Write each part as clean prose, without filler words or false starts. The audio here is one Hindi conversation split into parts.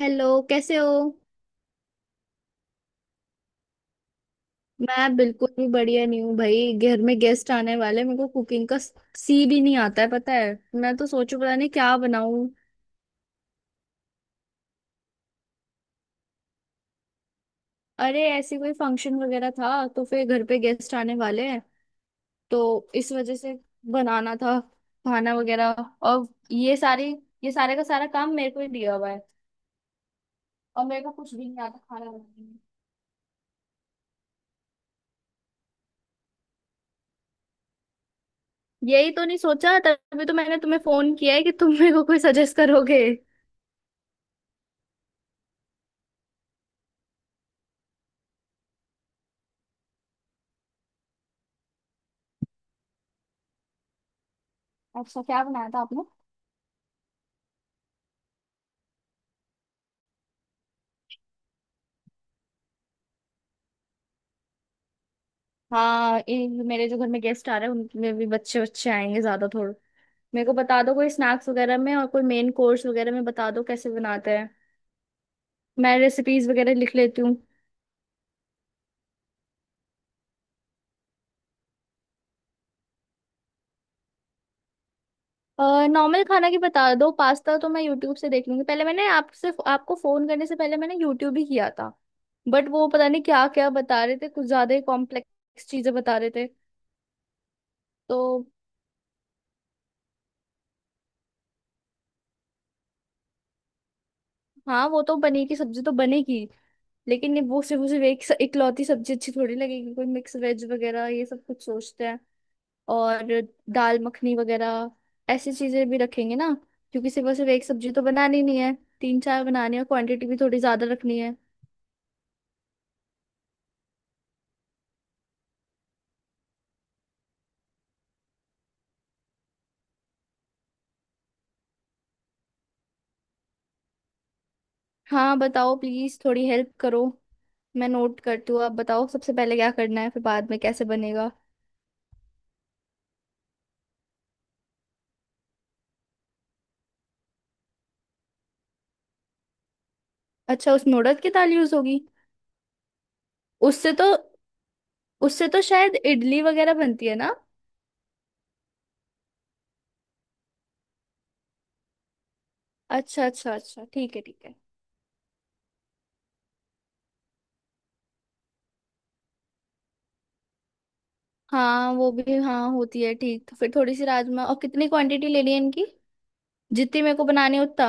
हेलो। कैसे हो? मैं बिल्कुल भी बढ़िया नहीं हूँ भाई, घर में गेस्ट आने वाले हैं, मेरे को कुकिंग का सी भी नहीं आता है, पता है। मैं तो सोचू पता नहीं क्या बनाऊं। अरे ऐसी कोई फंक्शन वगैरह था, तो फिर घर पे गेस्ट आने वाले हैं, तो इस वजह से बनाना था खाना वगैरह। और ये सारे का सारा काम मेरे को ही दिया हुआ है। और मेरे को कुछ भी नहीं आता खाना बनाने में। यही तो नहीं सोचा, तभी तो मैंने तुम्हें फोन किया है कि तुम मेरे को कोई सजेस्ट करोगे। अच्छा, क्या बनाया था आपने? हाँ, मेरे जो घर में गेस्ट आ रहे हैं उनमें भी बच्चे बच्चे आएंगे ज्यादा थोड़े। मेरे को बता दो कोई स्नैक्स वगैरह में और कोई मेन कोर्स वगैरह में, बता दो कैसे बनाते हैं। मैं रेसिपीज वगैरह लिख लेती हूँ। नॉर्मल खाना की बता दो, पास्ता तो मैं यूट्यूब से देख लूंगी। पहले मैंने आपसे आपको फोन करने से पहले मैंने यूट्यूब ही किया था। बट वो पता नहीं क्या क्या बता रहे थे, कुछ ज्यादा ही कॉम्प्लेक्स चीजें बता रहे थे तो। हाँ, वो तो पनीर की सब्जी तो बनेगी, लेकिन ये वो सिर्फ एक इकलौती सब्जी अच्छी थोड़ी लगेगी। कोई मिक्स वेज वगैरह ये सब कुछ सोचते हैं। और दाल मखनी वगैरह ऐसी चीजें भी रखेंगे ना। क्योंकि सिर्फ और सिर्फ एक सब्जी तो बनानी नहीं है, तीन चार बनानी है। क्वांटिटी भी थोड़ी ज्यादा रखनी है। हाँ बताओ, प्लीज थोड़ी हेल्प करो। मैं नोट करती हूँ, आप बताओ सबसे पहले क्या करना है फिर बाद में कैसे बनेगा। अच्छा, उसमें उड़द की दाल यूज होगी? उससे तो उससे तो शायद इडली वगैरह बनती है ना? अच्छा, अच्छा, अच्छा, ठीक है, ठीक है। हाँ वो भी हाँ, होती है ठीक। तो फिर थोड़ी सी राजमा। और कितनी क्वांटिटी लेनी है इनकी? जितनी मेरे को बनानी है उतना।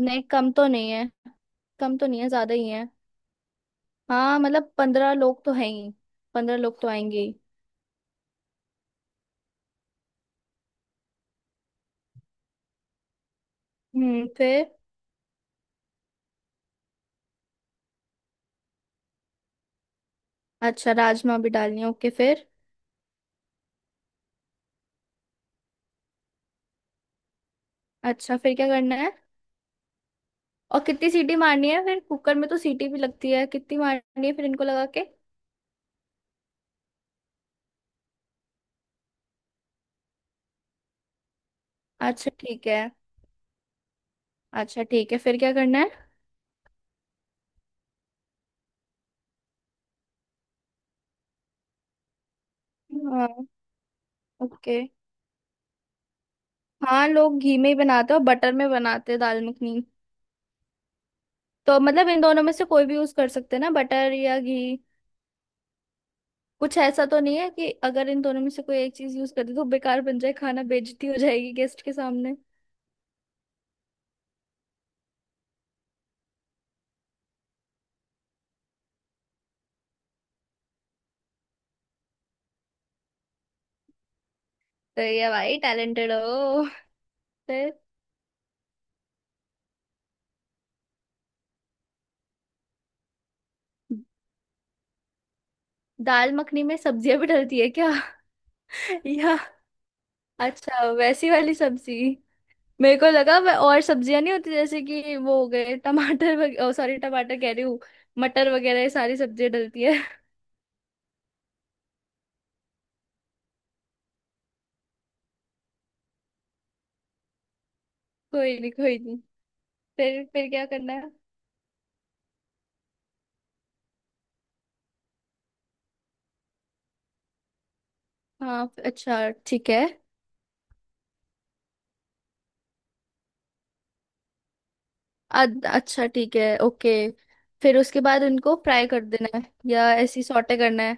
नहीं, कम तो नहीं है। कम तो नहीं है, ज्यादा ही है। हाँ मतलब 15 लोग तो हैं ही। 15 लोग तो आएंगे ही। फिर? अच्छा, राजमा भी डालनी है, ओके फिर। अच्छा, फिर क्या करना है? और कितनी सीटी मारनी है फिर? कुकर में तो सीटी भी लगती है, कितनी मारनी है फिर इनको लगा के? अच्छा, ठीक है। अच्छा, ठीक है, फिर क्या करना है? हाँ। ओके। हाँ, लोग घी में ही बनाते हैं और बटर में बनाते हैं दाल मखनी। तो मतलब इन दोनों में से कोई भी यूज कर सकते हैं ना, बटर या घी? कुछ ऐसा तो नहीं है कि अगर इन दोनों में से कोई एक चीज यूज कर दे तो बेकार बन जाए खाना, बेइज्जती हो जाएगी गेस्ट के सामने? तो ये भाई टैलेंटेड हो। फिर? दाल मखनी में सब्जियां भी डलती है क्या? या? अच्छा, वैसी वाली सब्जी। मेरे को लगा वह और सब्जियां नहीं होती, जैसे कि वो हो गए टमाटर वगैरह, सॉरी टमाटर कह रही हूँ, मटर वगैरह, ये सारी सब्जियां डलती है। कोई नहीं, कोई नहीं। फिर क्या करना है? हाँ, अच्छा, ठीक है। अच्छा, ठीक है, ओके। फिर उसके बाद उनको फ्राई कर देना है? या ऐसी सॉटे करना है?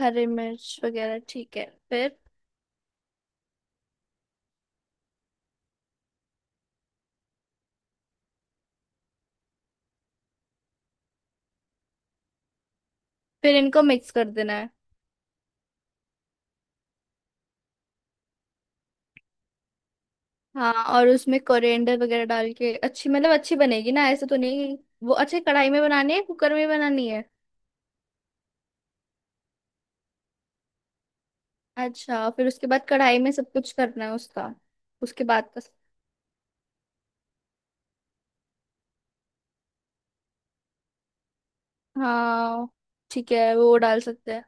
हरी मिर्च वगैरह ठीक है। फिर? फिर इनको मिक्स कर देना है? हाँ, और उसमें कोरिएंडर वगैरह डाल के अच्छी, मतलब अच्छी बनेगी ना? ऐसे तो नहीं वो अच्छे? कढ़ाई में बनानी है, कुकर में बनानी है? अच्छा, फिर उसके बाद कढ़ाई में सब कुछ करना है उसका? उसके बाद का? हाँ ठीक है, वो डाल सकते हैं।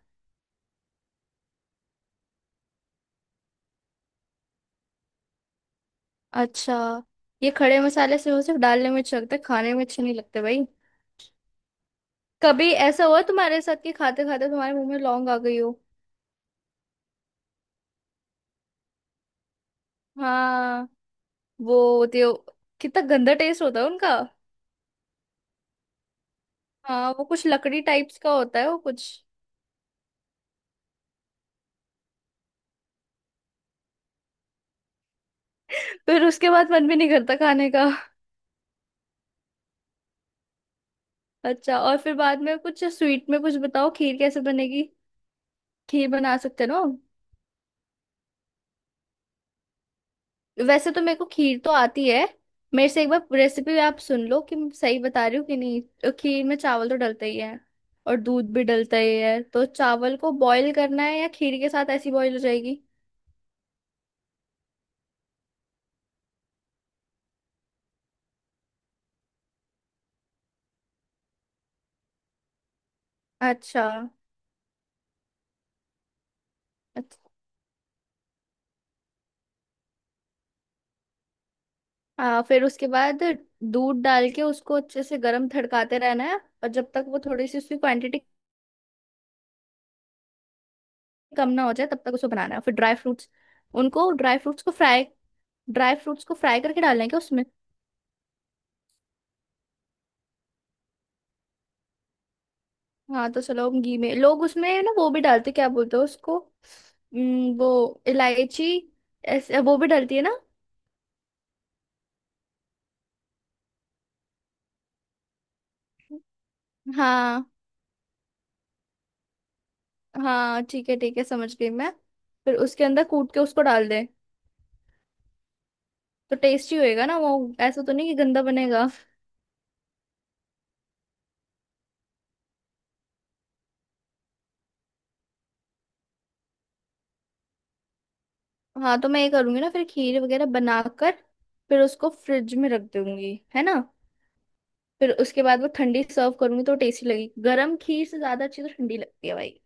अच्छा। ये खड़े मसाले सिर्फ सिर्फ डालने में अच्छा लगता है, खाने में अच्छे नहीं लगते भाई। कभी ऐसा हुआ तुम्हारे साथ कि खाते खाते तुम्हारे मुंह में लौंग आ गई हो? हाँ, वो होती हो। कितना गंदा टेस्ट होता है उनका। हाँ, वो कुछ लकड़ी टाइप्स का होता है वो कुछ। फिर उसके बाद मन भी नहीं करता खाने का। अच्छा, और फिर बाद में कुछ स्वीट में कुछ बताओ, खीर कैसे बनेगी? खीर बना सकते हो ना हम? वैसे तो मेरे को खीर तो आती है। मेरे से एक बार रेसिपी आप सुन लो कि मैं सही बता रही हूँ कि नहीं। तो खीर में चावल तो डलता ही है। और दूध भी डलता ही है। तो चावल को बॉईल करना है या खीर के साथ ऐसी बॉईल हो जाएगी? अच्छा। अच्छा। फिर उसके बाद दूध डाल के उसको अच्छे से गर्म थड़काते रहना है। और जब तक वो थोड़ी सी उसकी क्वांटिटी कम ना हो जाए तब तक उसको बनाना है। फिर उनको ड्राई फ्रूट्स को फ्राई ड्राई फ्रूट्स को फ्राई करके डालना है क्या उसमें? हाँ तो चलो, हम घी में। लोग उसमें ना वो भी डालते, क्या बोलते हैं उसको, वो इलायची, ऐसे वो भी डलती है ना? हाँ, हाँ, ठीक है, ठीक है, समझ गई मैं। फिर उसके अंदर कूट के उसको डाल दे। तो टेस्टी होएगा ना वो? ऐसा तो नहीं कि गंदा बनेगा? हाँ, तो मैं ये करूंगी ना फिर खीर वगैरह बनाकर। फिर उसको फ्रिज में रख दूंगी है ना? फिर उसके बाद वो ठंडी सर्व करूंगी तो टेस्टी लगेगी। गरम खीर से ज्यादा अच्छी तो ठंडी लगती है भाई।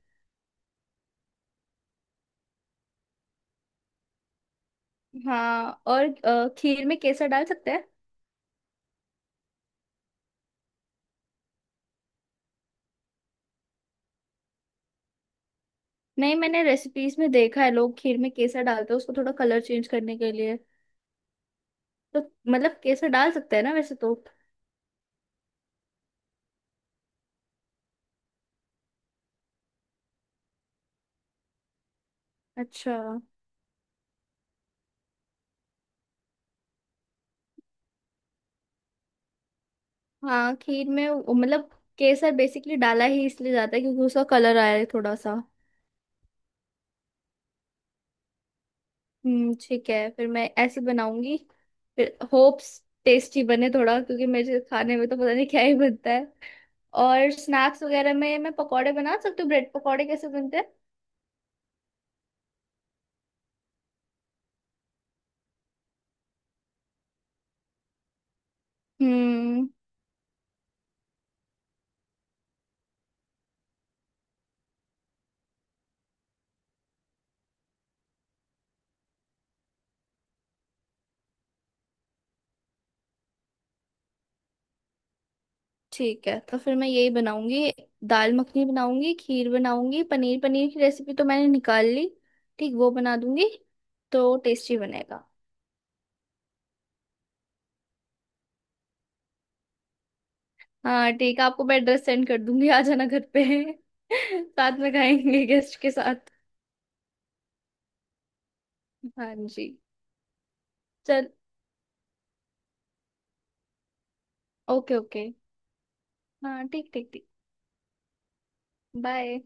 हाँ, और खीर में केसर डाल सकते हैं? नहीं, मैंने रेसिपीज में देखा है, लोग खीर में केसर डालते हैं उसको थोड़ा कलर चेंज करने के लिए। तो मतलब केसर डाल सकते हैं ना वैसे तो? अच्छा। हाँ, खीर में मतलब केसर बेसिकली डाला ही इसलिए जाता है, क्योंकि उसका कलर आया है थोड़ा सा। ठीक है, फिर मैं ऐसे बनाऊंगी। फिर होप्स टेस्टी बने थोड़ा, क्योंकि मेरे खाने में तो पता नहीं क्या ही बनता है। और स्नैक्स वगैरह में मैं पकौड़े बना सकती हूँ, ब्रेड पकौड़े कैसे बनते हैं? हम्म ठीक है, तो फिर मैं यही बनाऊंगी। दाल मखनी बनाऊंगी, खीर बनाऊंगी, पनीर पनीर की रेसिपी तो मैंने निकाल ली। ठीक, वो बना दूंगी। तो टेस्टी बनेगा। हाँ ठीक है, आपको मैं एड्रेस सेंड कर दूंगी, आ जाना घर पे। साथ में खाएंगे गेस्ट के साथ। हाँ जी। चल। Okay, okay. हाँ, ठीक, ठीक, ठीक। बाय।